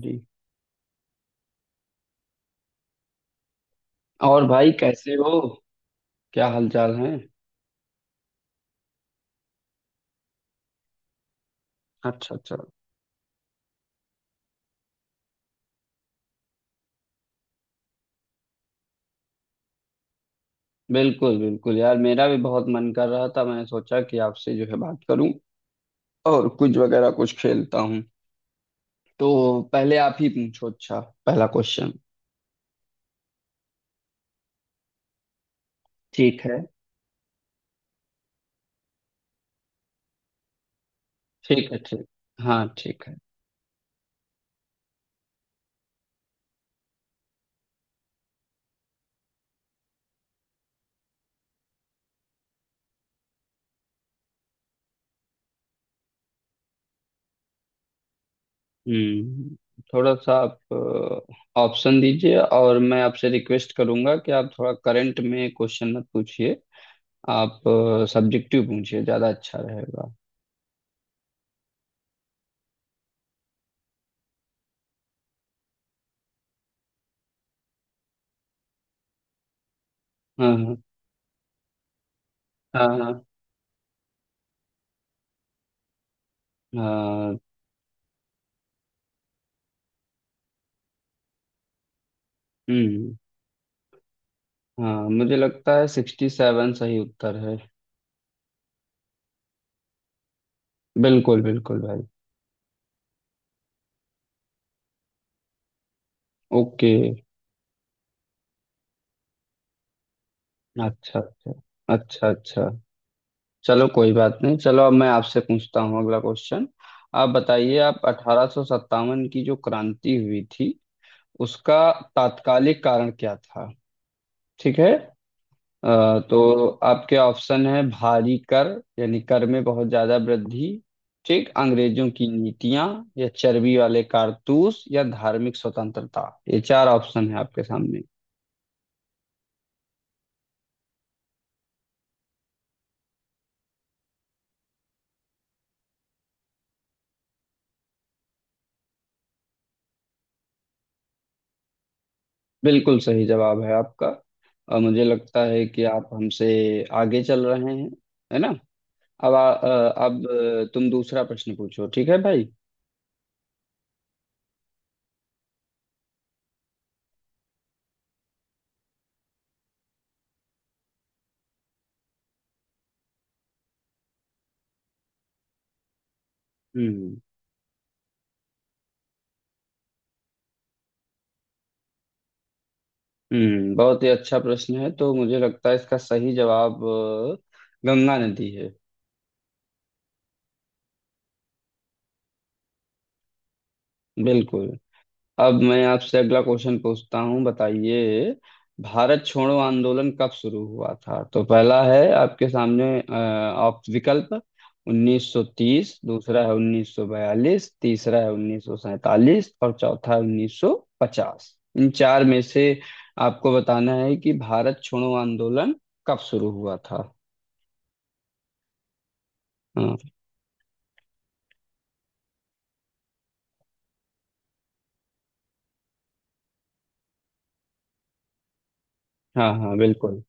जी। और भाई कैसे हो? क्या हालचाल है? अच्छा अच्छा। बिल्कुल बिल्कुल यार, मेरा भी बहुत मन कर रहा था। मैंने सोचा कि आपसे जो है बात करूं और कुछ वगैरह कुछ खेलता हूं। तो पहले आप ही पूछो। अच्छा। पहला क्वेश्चन। ठीक है, ठीक है, ठीक। हाँ ठीक है। हम्म थोड़ा सा आप ऑप्शन दीजिए और मैं आपसे रिक्वेस्ट करूंगा कि आप थोड़ा करंट में क्वेश्चन मत पूछिए। आप सब्जेक्टिव पूछिए, ज्यादा अच्छा रहेगा। हाँ हाँ। हाँ हाँ। हाँ। हम्म। हाँ, मुझे लगता है 67 सही उत्तर है। बिल्कुल बिल्कुल भाई। ओके। अच्छा अच्छा। अच्छा अच्छा। चलो, कोई बात नहीं। चलो, अब मैं आपसे पूछता हूँ अगला क्वेश्चन। आप बताइए, आप 1857 की जो क्रांति हुई थी उसका तात्कालिक कारण क्या था? ठीक है। अ, तो आपके ऑप्शन है भारी कर, यानी कर में बहुत ज्यादा वृद्धि, ठीक अंग्रेजों की नीतियां, या चर्बी वाले कारतूस, या धार्मिक स्वतंत्रता। ये चार ऑप्शन है आपके सामने। बिल्कुल सही जवाब है आपका। और मुझे लगता है कि आप हमसे आगे चल रहे हैं, है ना? अब अब तुम दूसरा प्रश्न पूछो। ठीक है भाई। हम्म हम्म। बहुत ही अच्छा प्रश्न है तो मुझे लगता है इसका सही जवाब गंगा नदी है। बिल्कुल। अब मैं आपसे अगला क्वेश्चन पूछता हूँ। बताइए, भारत छोड़ो आंदोलन कब शुरू हुआ था? तो पहला है आपके सामने आप विकल्प 1930, दूसरा है 1942, तीसरा है 1947 और चौथा है 1950। इन चार में से आपको बताना है कि भारत छोड़ो आंदोलन कब शुरू हुआ था। हाँ हाँ। हाँ बिल्कुल।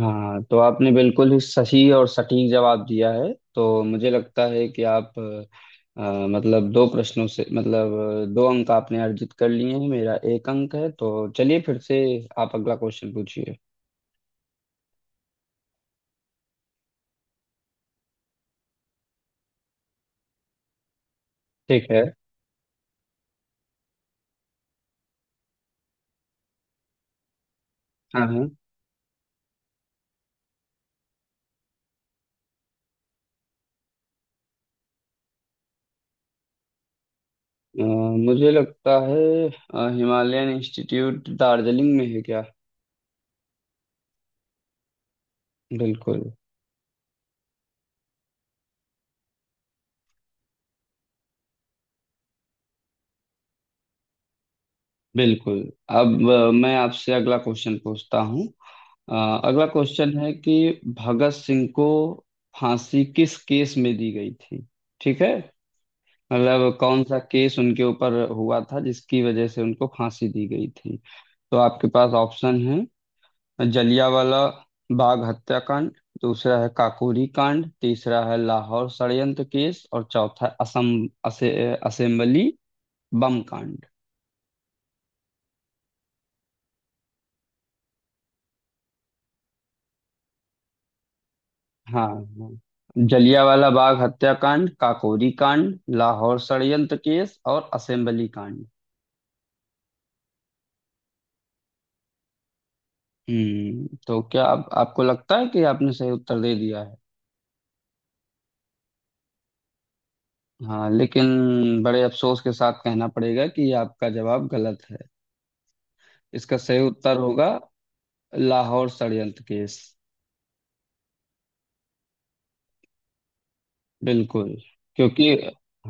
हाँ, तो आपने बिल्कुल ही सही और सटीक जवाब दिया है, तो मुझे लगता है कि आप मतलब दो प्रश्नों से मतलब दो अंक आपने अर्जित कर लिए हैं। मेरा एक अंक है, तो चलिए फिर से आप अगला क्वेश्चन पूछिए। ठीक है। हाँ हाँ। अ, मुझे लगता है हिमालयन इंस्टीट्यूट दार्जिलिंग में है क्या? बिल्कुल बिल्कुल। अब मैं आपसे अगला क्वेश्चन पूछता हूँ। अगला क्वेश्चन है कि भगत सिंह को फांसी किस केस में दी गई थी? ठीक है। मतलब कौन सा केस उनके ऊपर हुआ था जिसकी वजह से उनको फांसी दी गई थी? तो आपके पास ऑप्शन है जलियांवाला बाग हत्याकांड, दूसरा है काकोरी कांड, तीसरा है लाहौर षड्यंत्र केस और चौथा असेंबली बम कांड। हाँ हाँ। जलियांवाला बाग हत्याकांड, काकोरी कांड, लाहौर षड्यंत्र केस और असेंबली कांड। तो क्या आपको लगता है कि आपने सही उत्तर दे दिया है? हाँ लेकिन बड़े अफसोस के साथ कहना पड़ेगा कि आपका जवाब गलत है। इसका सही उत्तर होगा लाहौर षड्यंत्र केस। बिल्कुल। क्योंकि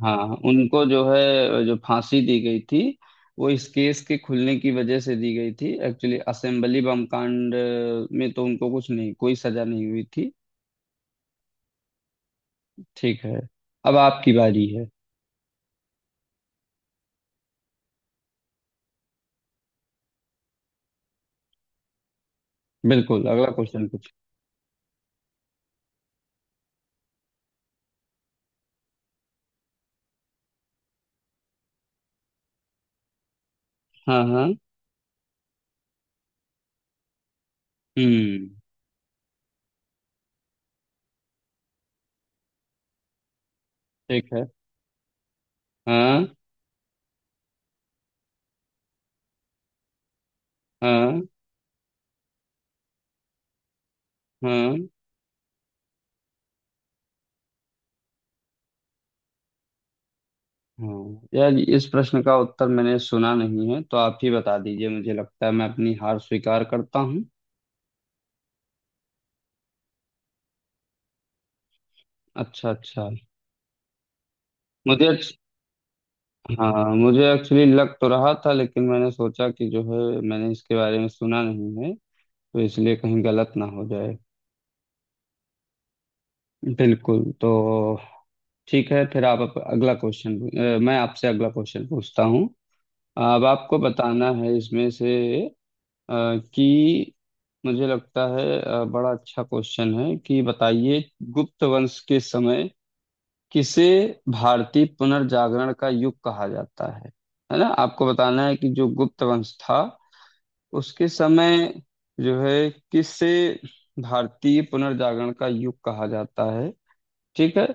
हाँ, उनको जो है जो फांसी दी गई थी वो इस केस के खुलने की वजह से दी गई थी, एक्चुअली। असेंबली बम कांड में तो उनको कुछ नहीं, कोई सजा नहीं हुई थी। ठीक है। अब आपकी बारी है। बिल्कुल, अगला क्वेश्चन कुछ। हाँ हाँ। हम्म। ठीक है। हाँ हाँ हाँ। हाँ यार, इस प्रश्न का उत्तर मैंने सुना नहीं है, तो आप ही बता दीजिए। मुझे लगता है मैं अपनी हार स्वीकार करता हूँ। अच्छा अच्छा। मुझे, हाँ, मुझे एक्चुअली लग तो रहा था, लेकिन मैंने सोचा कि जो है मैंने इसके बारे में सुना नहीं है, तो इसलिए कहीं गलत ना हो जाए। बिल्कुल। तो ठीक है, फिर आप अगला क्वेश्चन। मैं आपसे अगला क्वेश्चन पूछता हूँ। अब आपको बताना है इसमें से अ, कि मुझे लगता है बड़ा अच्छा क्वेश्चन है कि बताइए गुप्त वंश के समय किसे भारतीय पुनर्जागरण का युग कहा जाता है? है ना? आपको बताना है कि जो गुप्त वंश था उसके समय जो है किसे भारतीय पुनर्जागरण का युग कहा जाता है। ठीक है।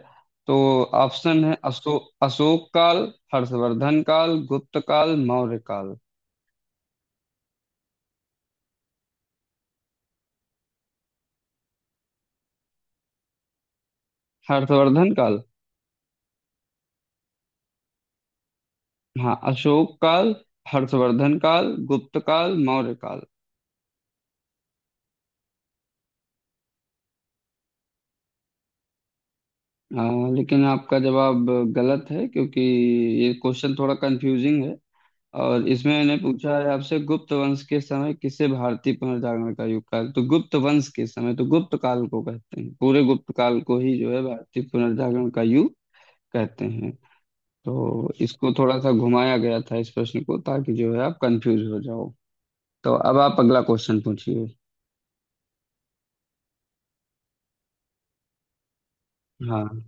तो ऑप्शन है अशोक काल, हर्षवर्धन काल, गुप्त काल, मौर्य काल। हर्षवर्धन काल। हाँ, अशोक काल, हर्षवर्धन काल, गुप्त काल, मौर्य काल। अ, लेकिन आपका जवाब गलत है क्योंकि ये क्वेश्चन थोड़ा कंफ्यूजिंग है। और इसमें मैंने पूछा है आपसे गुप्त वंश के समय किसे भारतीय पुनर्जागरण का युग कहा, तो गुप्त वंश के समय तो गुप्त काल को कहते हैं। पूरे गुप्त काल को ही जो है भारतीय पुनर्जागरण का युग कहते हैं। तो इसको थोड़ा सा घुमाया गया था इस प्रश्न को, ताकि जो है आप कंफ्यूज हो जाओ। तो अब आप अगला क्वेश्चन पूछिए। हाँ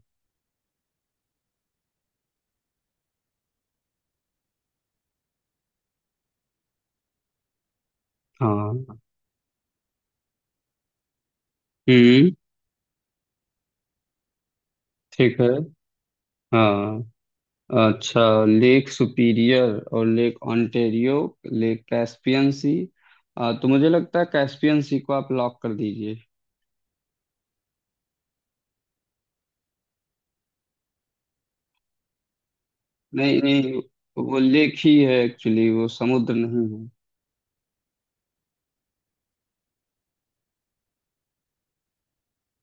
हाँ। हम्म। ठीक है। हाँ अच्छा। लेक सुपीरियर और लेक ओंटेरियो, लेक कैस्पियन सी, तो मुझे लगता है कैस्पियन सी को आप लॉक कर दीजिए। नहीं नहीं, वो लेक ही है एक्चुअली। वो समुद्र नहीं है।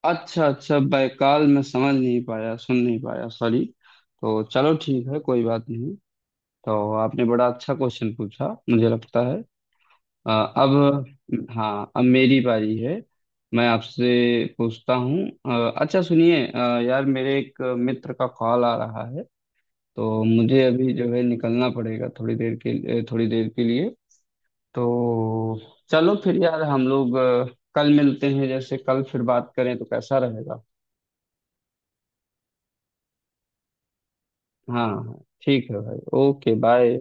अच्छा अच्छा, बैकाल मैं समझ नहीं पाया, सुन नहीं पाया, सॉरी। तो चलो ठीक है, कोई बात नहीं। तो आपने बड़ा अच्छा क्वेश्चन पूछा, मुझे लगता है। अ, अब हाँ, अब मेरी बारी है। मैं आपसे पूछता हूँ अच्छा सुनिए यार, मेरे एक मित्र का कॉल आ रहा है, तो मुझे अभी जो है निकलना पड़ेगा थोड़ी देर के लिए, थोड़ी देर के लिए। तो चलो फिर यार, हम लोग कल मिलते हैं। जैसे कल फिर बात करें तो कैसा रहेगा? हाँ हाँ ठीक है भाई, ओके बाय।